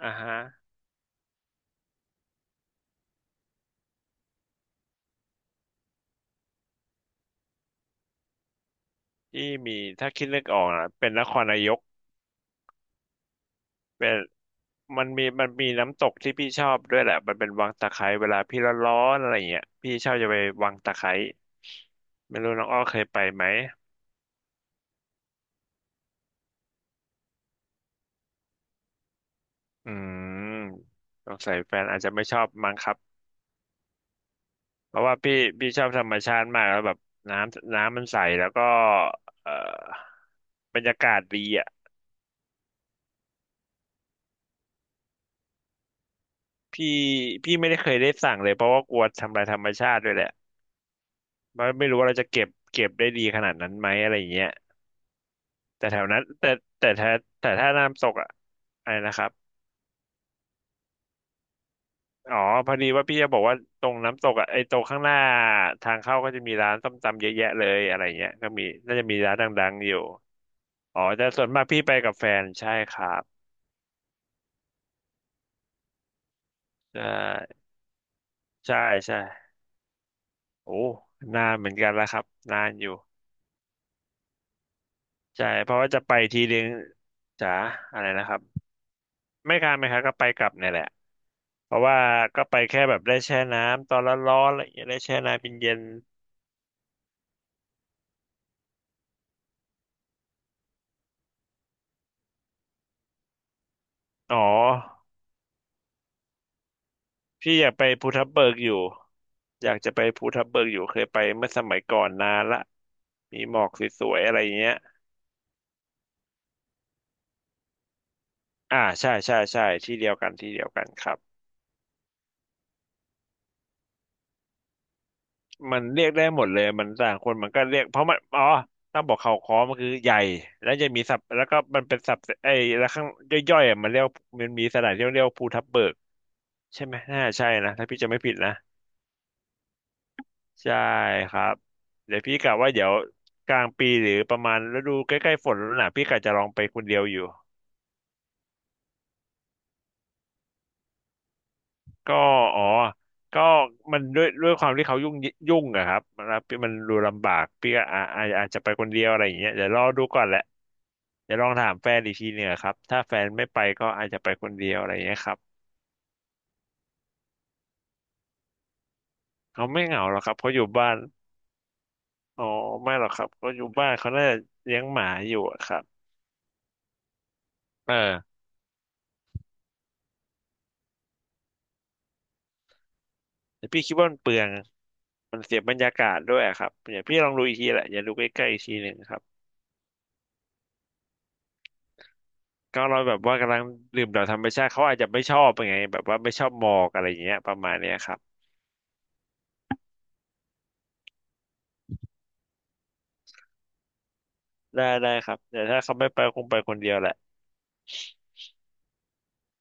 อ่าฮะที่มีถ้าคิดนึกออกนะเป็นนครนายกเป็นมันมีน้ำตกที่พี่ชอบด้วยแหละมันเป็นวังตะไคร้เวลาพี่ร้อนๆอะไรเงี้ยพี่ชอบจะไปวังตะไคร้ไม่รู้น้องอ้อเคยไปไหมอืมสงสัยแฟนอาจจะไม่ชอบมั้งครับเพราะว่าพี่ชอบธรรมชาติมากแล้วแบบน้ำมันใสแล้วก็เอ่อบรรยากาศดีอ่ะพี่พี่ไม่ได้เคยได้สั่งเลยเพราะว่ากลัวทำลายธรรมชาติด้วยแหละ ไม่รู้ว่าเราจะเก็บได้ดีขนาดนั้นไหมอะไรอย่างเงี้ยแต่แถวนั้นแต่ถ้าแต่ถ้าน้ำตกอะอะไรนะครับอ๋อพอดีว่าพี่จะบอกว่าตรงน้ำตกอะไอ้ตรงข้างหน้าทางเข้าก็จะมีร้านส้มตำเยอะแยะเลยอะไรเงี้ยก็มีน่าจะมีร้านดังๆอยู่อ๋อแต่ส่วนมากพี่ไปกับแฟนใช่ครับใช่ใช่ใช่โอ้นานเหมือนกันแล้วครับนานอยู่ใช่เพราะว่าจะไปทีนึงจ๋าอะไรนะครับไม่ค้างก็ไปกลับเนี่ยแหละ เพราะว่าก็ไปแค่แบบได้แช่น้ำตอนร้อนๆอะไรอย่างเงี้ยได้แช่น้ำเย็นๆอ๋อพี่อยากไปภูทับเบิกอยู่อยากจะไปภูทับเบิกอยู่เคยไปเมื่อสมัยก่อนนานละมีหมอกสวยๆอะไรอย่างเงี้ยอ่าใช่ใช่ใช่ที่เดียวกันที่เดียวกันครับมันเรียกได้หมดเลยมันต่างคนมันก็เรียกเพราะมันอ๋อต้องบอกเขาค้อมันคือใหญ่แล้วจะมีสับแล้วก็มันเป็นสับไอ้แล้วข้างย่อยๆอ่ะมันเรียกมันมีสถานที่เรียกว่าภูทับเบิกใช่ไหมน่าใช่นะถ้าพี่จะไม่ผิดนะ ใช่ครับเดี๋ยวพี่กะว่าเดี๋ยวกลางปีหรือประมาณฤดูใกล้ๆฝนแล้วนะพี่กะจะลองไปคนเดียวอยู่ก็อ๋อก็มันด้วยความที่เขายุ่งยุ่งอะครับมันมันดูลำบากพี่ก็อาจจะไปคนเดียวอะไรอย่างเงี้ยเดี๋ยวรอดูก่อนแหละเดี๋ยวลองถามแฟนอีกทีหนึ่งอะครับถ้าแฟนไม่ไปก็อาจจะไปคนเดียวอะไรอย่างเงี้ยครับเขาไม่เหงาหรอกครับเขาอยู่บ้านอ๋อไม่หรอกครับเขาอยู่บ้านเขาน่าจะเลี้ยงหมาอยู่อะครับเออแต่พี่คิดว่ามันเปลือง มันเสียบรรยากาศด้วยอะครับอย่าพี่ลองดูอีกทีแหละอย่าดูใกล้ๆอีกทีหนึ่งครับก็เราแบบว่ากำลังดื่มด่ำธรรมชาติเขาอาจจะไม่ชอบไงแบบว่าไม่ชอบหมอกอะไรอย่างเงี้ยประมาณเนี้ยครับได้ครับแต่ถ้าเขาไม่ไปคงไปคนเดียวแหละ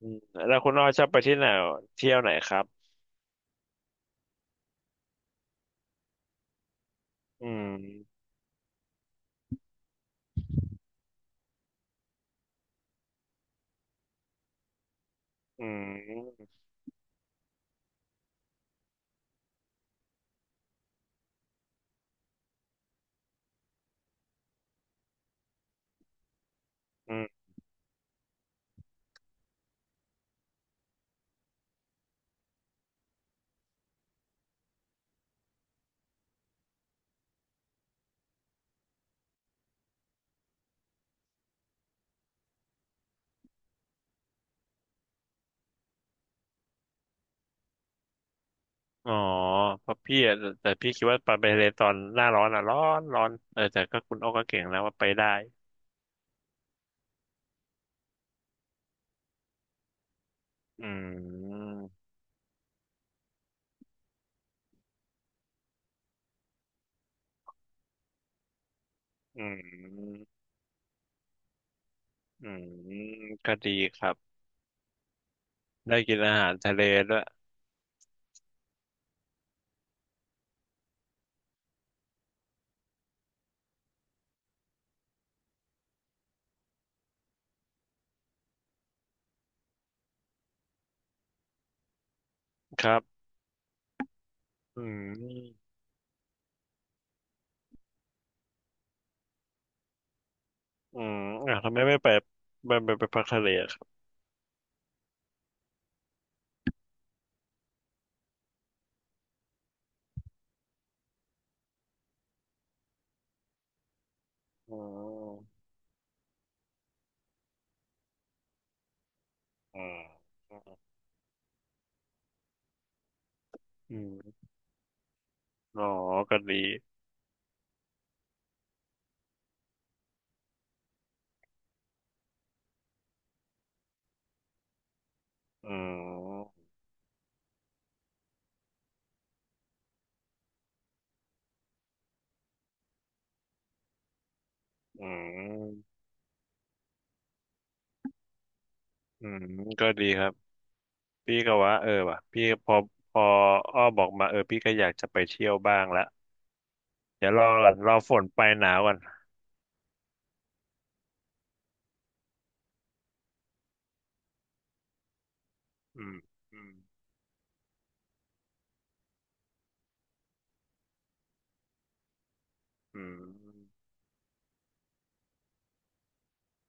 อืมแล้วคุณอ้อชอบไปที่ไหนเที่ยวไหนครับอืมอืมอืมอ๋อเพราะพี่อะแต่พี่คิดว่าไปทะเลตอนหน้าร้อนอ่ะร้อนเออแต่ก็คุณอ้อก็เก่งแล้วว่าไปได้อืมอืมอืมก็ดีครับ ได้กินอาหารทะเลด้วยครับอืมอืมอ่ะทำไมไม่ไปพักทะเลอะครับอืมอืมอืมอืมอ๋อก็ดีอืมอืมอืมก็ดีครับพี่ก็ว่าเออว่ะพี่พออ้อบอกมาเออพี่ก็อยากจะไปเที่ยวบ้างละเดี๋ยวรอก่อนรอฝนไปหนาวก่อนอืมอืมอืม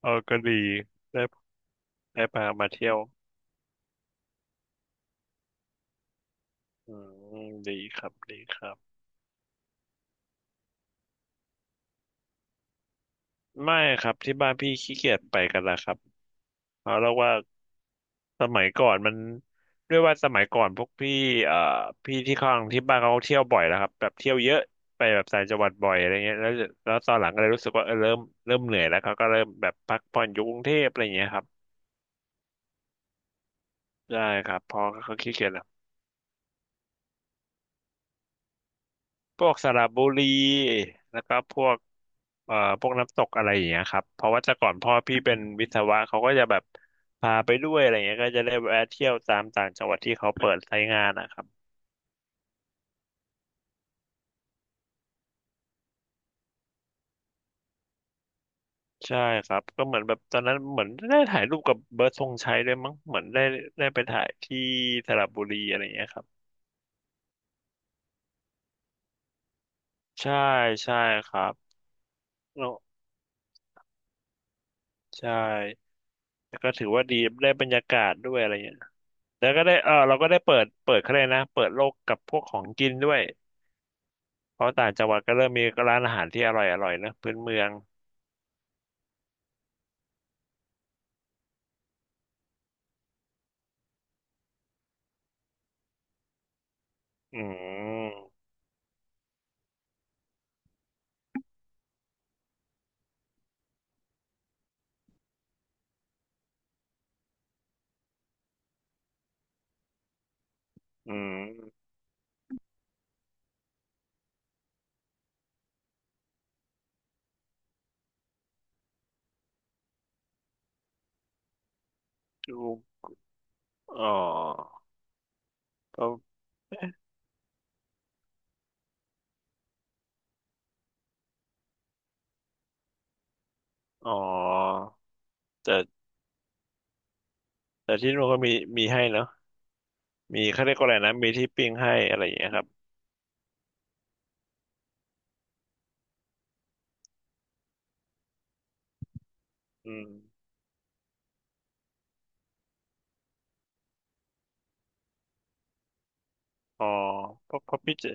เออก็ดีได้ได้พามาเที่ยวอืมดีครับดีครับ ไม่ครับที่บ้านพี่ขี้เกียจไปกันแล้วครับเอาเรียกว่าสมัยก่อนมันด้วยว่าสมัยก่อนพวกพี่เอ่อพี่ที่ข้างที่บ้านเขาเที่ยวบ่อยแล้วครับแบบเที่ยวเยอะไปแบบต่างจังหวัดบ่อยอะไรเงี้ยแล้วตอนหลังก็เลยรู้สึกว่าเออเริ่มเหนื่อยแล้วเขาก็เริ่มแบบพักผ่อนอยู่กรุงเทพอะไรเงี้ยครับได้ครับพอเขาขี้เกียจแล้วพวกสระบุรีแล้วก็พวก เอ่อพวกน้ำตกอะไรอย่างเงี้ยครับเพราะว่าแต่ก่อนพ่อพี่เป็นวิศวะเขาก็จะแบบพาไปด้วยอะไรเงี้ยก็จะได้แวะเที่ยวตามต่างจังหวัดที่เขาเปิดใช้งานนะครับใช่ครับก็เหมือนแบบตอนนั้นเหมือนได้ถ่ายรูปกับเบิร์ดธงชัยด้วยมั้งเหมือนได้ได้ไปถ่ายที่สระบุรีอะไรอย่างเงี้ยครับใช่ใช่ครับแล้วใช่แล้วก็ถือว่าดีได้บรรยากาศด้วยอะไรเงี้ยแล้วก็ได้เออเราก็ได้เปิดเขาเลยกนะเปิดโลกกับพวกของกินด้วยเพราะต่างจังหวัดก็เริ่มมีร้านอาหารที่อร่อยนะพื้นเมือง อืมอืมดูอ๋อก็อ๋อแต่แต่ที่นู่นก็มีมีให้เนาะมีเขาเรียกว่าอะไรนะมีที่ปิ้งให้อะไรอย่างเงี้ยครับอืมอ๋อเพราะเพราะพี่จะ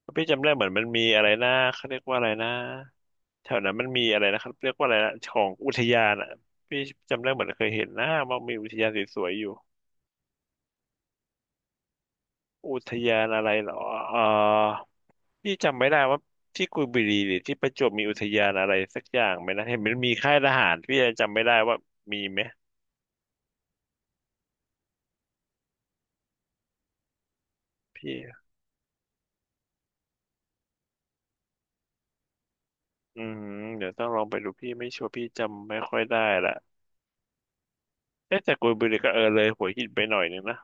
เพราะพี่จำได้เหมือนมันมีอะไรนะเขาเรียกว่าอะไรนะแถวนั้นมันมีอะไรนะครับเรียกว่าอะไรนะของอุทยานอ่ะพี่จำได้เหมือนเคยเห็นนะว่ามีอุทยานสวยๆอยู่ อุทยานอะไรเหรอเอ่อพี่จำไม่ได้ว่าที่กุยบุรีหรือที่ประจวบมีอุทยานอะไรสักอย่างไหมนะเห็นมันมีค่ายทหารพี่ยังจำไม่ได้ว่ามีไหมพี่อืมเดี๋ยวต้องลองไปดูพี่ไม่ชัวร์พี่จำไม่ค่อยได้ละเอ๊ะแต่กุยบุรีก็เออเลยหัวหินไปหน่อยนึงนะ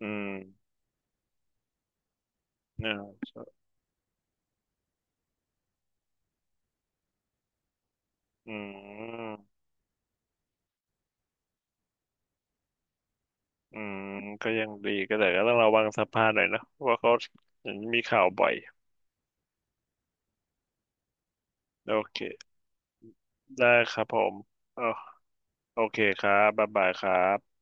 อืมอ่าอืมอืมก็ยังดีก็แต่ก็ต้องระวังสะพานหน่อยนะเพราะว่าเขาเห็นมีข่าวบ่อยโอเค ได้ครับผมอ๋อโอเคครับบ๊ายบายครับ